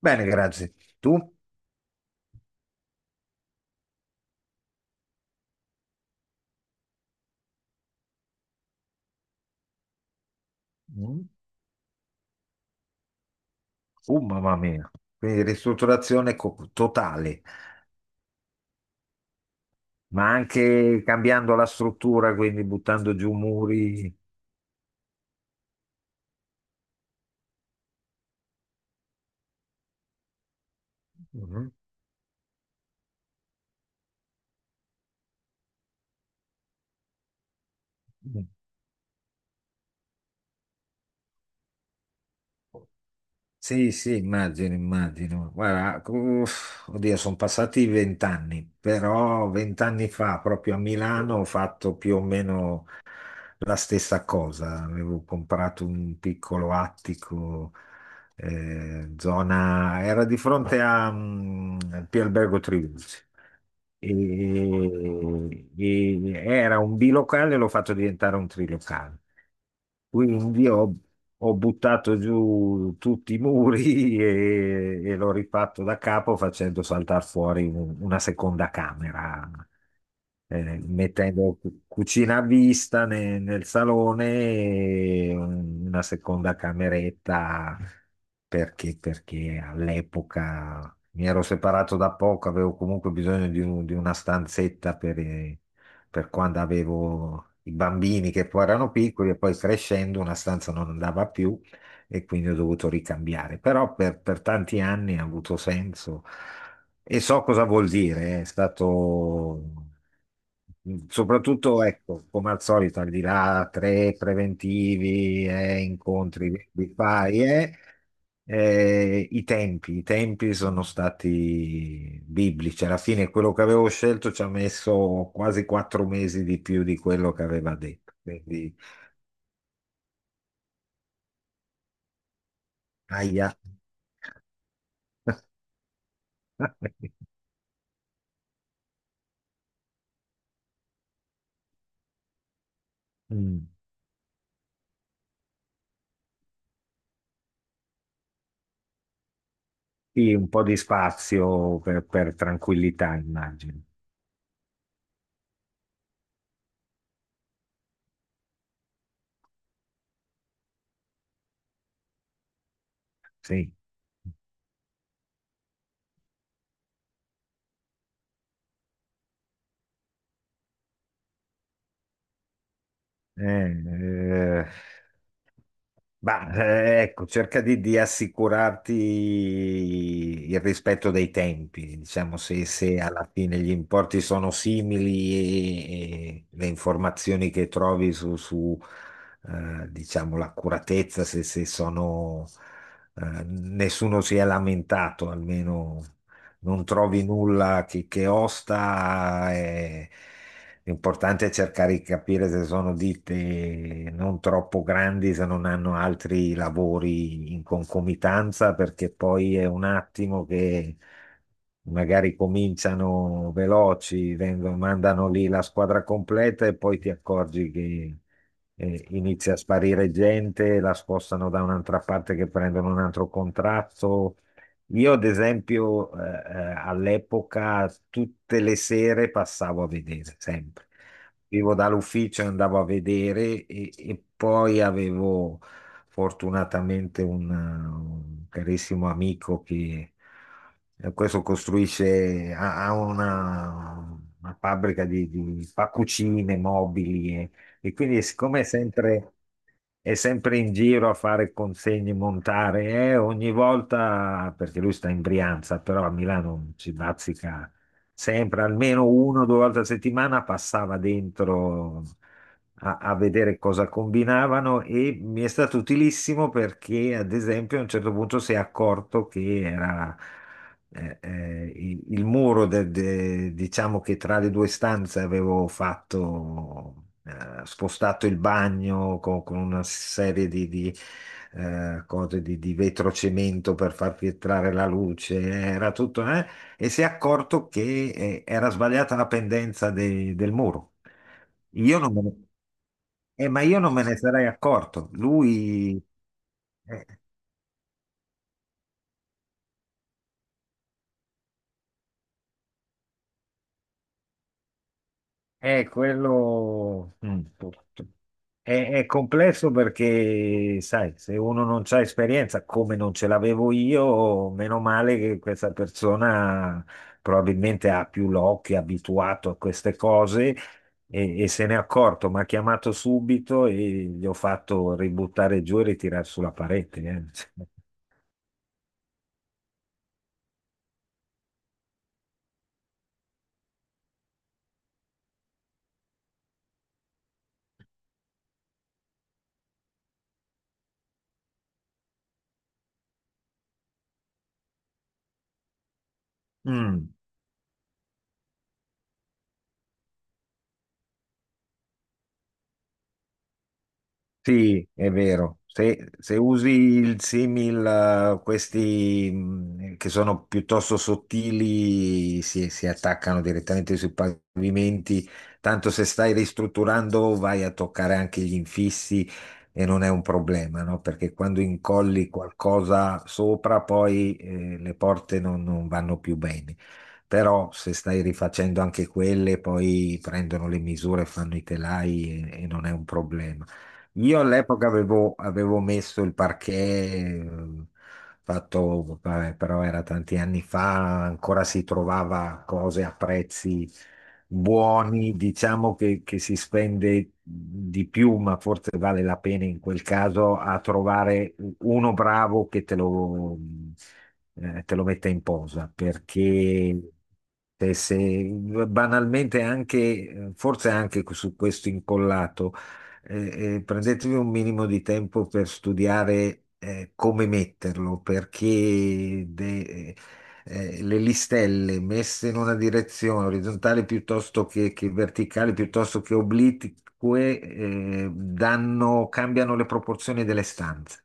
Bene, grazie. Tu? Mm. Mamma mia. Quindi ristrutturazione totale, ma anche cambiando la struttura, quindi buttando giù muri. Mhm. Sì, sì, immagino. Guarda, uff, oddio, sono passati vent'anni, però vent'anni fa, proprio a Milano, ho fatto più o meno la stessa cosa. Avevo comprato un piccolo attico, zona, era di fronte a Pialbergo Triulci e, era un bilocale, l'ho fatto diventare un trilocale. Quindi ho, ho buttato giù tutti i muri e l'ho rifatto da capo facendo saltare fuori una seconda camera, mettendo cucina a vista nel salone e una seconda cameretta perché all'epoca mi ero separato da poco, avevo comunque bisogno di una stanzetta per quando avevo i bambini che poi erano piccoli e poi crescendo una stanza non andava più e quindi ho dovuto ricambiare. Però per tanti anni ha avuto senso e so cosa vuol dire, è stato. Mm. Soprattutto, ecco, come al solito, al di là tre preventivi e incontri di pari, eh, i tempi sono stati biblici. Alla fine quello che avevo scelto ci ha messo quasi quattro mesi di più di quello che aveva detto. Quindi, aia. Mm. Sì, un po' di spazio per tranquillità, immagino. Sì. Eh, eh. Bah, ecco, di assicurarti il rispetto dei tempi, diciamo, se alla fine gli importi sono simili e le informazioni che trovi su, diciamo, l'accuratezza, se sono, nessuno si è lamentato, almeno non trovi nulla che osta. L'importante è cercare di capire se sono ditte non troppo grandi, se non hanno altri lavori in concomitanza, perché poi è un attimo che magari cominciano veloci, mandano lì la squadra completa e poi ti accorgi che inizia a sparire gente, la spostano da un'altra parte che prendono un altro contratto. Io, ad esempio, all'epoca tutte le sere passavo a vedere, sempre. Vivo dall'ufficio, e andavo a vedere e poi avevo fortunatamente un carissimo amico che questo costruisce, ha una fabbrica di fa cucine, mobili e quindi siccome è sempre in giro a fare consegne in montare, ogni volta, perché lui sta in Brianza, però a Milano ci bazzica sempre, almeno uno o due volte a settimana passava dentro a vedere cosa combinavano e mi è stato utilissimo perché, ad esempio, a un certo punto si è accorto che era il muro diciamo che tra le due stanze avevo fatto, spostato il bagno con una serie cose di vetrocemento per far filtrare la luce, era tutto, e si è accorto che era sbagliata la pendenza del muro. Io non me ne- ma io non me ne sarei accorto. Lui eh, è, quello... mm, è complesso perché, sai, se uno non c'ha esperienza, come non ce l'avevo io, meno male che questa persona probabilmente ha più l'occhio, è abituato a queste cose e se n'è accorto. Mi ha chiamato subito e gli ho fatto ributtare giù e ritirare sulla parete. Eh. Mm. Sì, è vero. Se usi il simil, questi che sono piuttosto sottili, si attaccano direttamente sui pavimenti. Tanto se stai ristrutturando, vai a toccare anche gli infissi e non è un problema, no? Perché quando incolli qualcosa sopra, poi le porte non vanno più bene. Però se stai rifacendo anche quelle, poi prendono le misure, fanno i telai e non è un problema. Avevo messo il parquet, eh, fatto, vabbè, però era tanti anni fa, ancora si trovava cose a prezzi buoni, diciamo che si spende di più, ma forse vale la pena in quel caso a trovare uno bravo che te lo metta in posa, perché se, se- banalmente anche, forse anche su questo incollato. Prendetevi un minimo di tempo per studiare come metterlo, le listelle messe in una direzione orizzontale piuttosto che verticale, piuttosto che oblique, danno, cambiano le proporzioni delle stanze,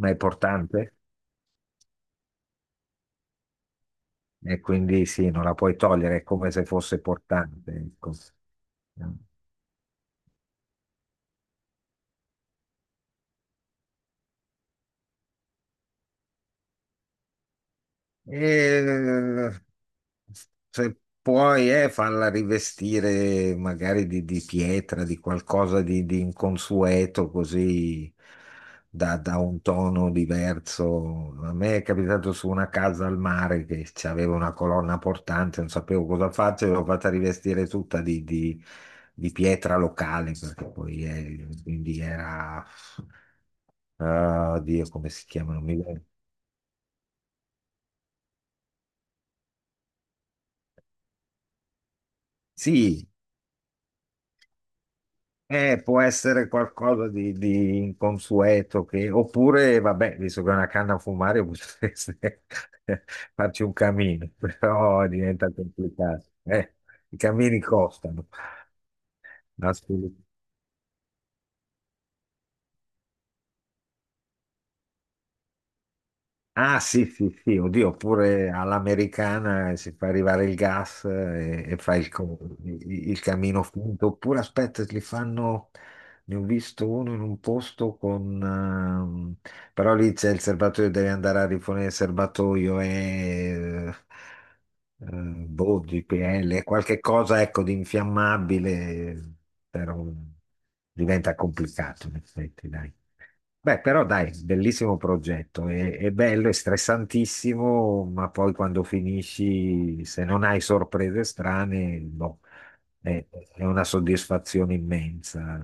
ma è portante e quindi sì, non la puoi togliere, è come se fosse portante. Ecco. E, se puoi, farla rivestire magari di pietra, di qualcosa di inconsueto, così da un tono diverso. A me è capitato su una casa al mare che aveva una colonna portante, non sapevo cosa farci, l'ho fatta rivestire tutta di pietra locale, perché poi è- quindi era... ah, Dio, come si chiamano? Mi... viene. Sì, eh, può essere qualcosa di inconsueto, che- oppure, vabbè, visto che è una canna a fumare, potreste farci un camino, però diventa complicato. I camini costano. Assolut-. Ah, sì, sì, sì, oddio, oppure all'americana si fa arrivare il gas e fa il camino finto, oppure aspetta, li fanno, ne ho visto uno in un posto con... però lì c'è il serbatoio, devi andare a rifornire il serbatoio e boh, GPL, qualche cosa ecco di infiammabile, però diventa complicato in effetti, dai. Beh, però dai, bellissimo progetto, è bello, è stressantissimo, ma poi quando finisci, se non hai sorprese strane, boh, è, è una soddisfazione immensa.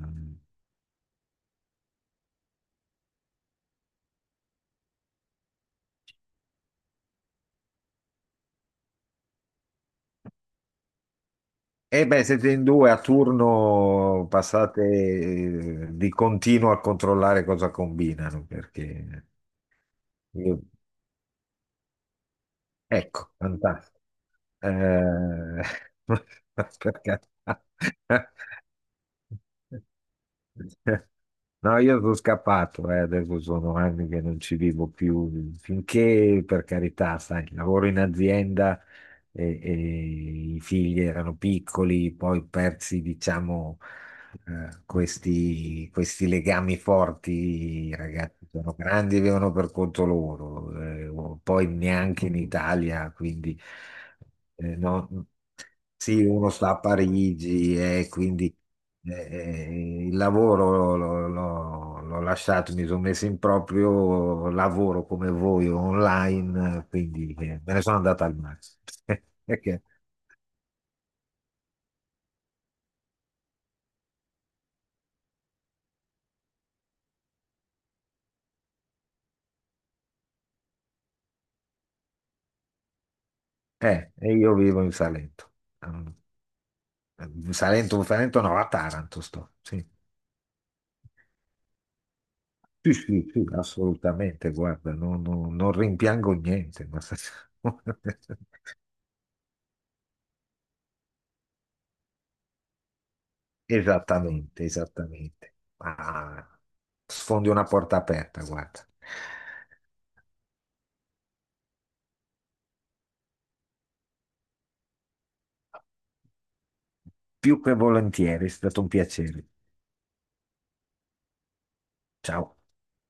E beh, siete in due a turno, passate di continuo a controllare cosa combinano, perché io- ecco, fantastico. Eh, per carità. No, io sono scappato, adesso sono anni che non ci vivo più, finché per carità, sai, lavoro in azienda e i figli erano piccoli, poi persi, diciamo, questi legami forti, i ragazzi sono grandi e vivono per conto loro, poi neanche in Italia, quindi no, sì, uno sta a Parigi e quindi il lavoro l'ho lasciato, mi sono messo in proprio lavoro come voi online, quindi me ne sono andato al mare. Perché, e io vivo in Salento. Mm, in Salento, in Salento no, a Taranto sto. Sì, sì, sì, sì, assolutamente, guarda, non rimpiango niente. Esattamente, esattamente. Ah, sfondi una porta aperta, guarda. Più che volentieri, è stato un piacere. Ciao.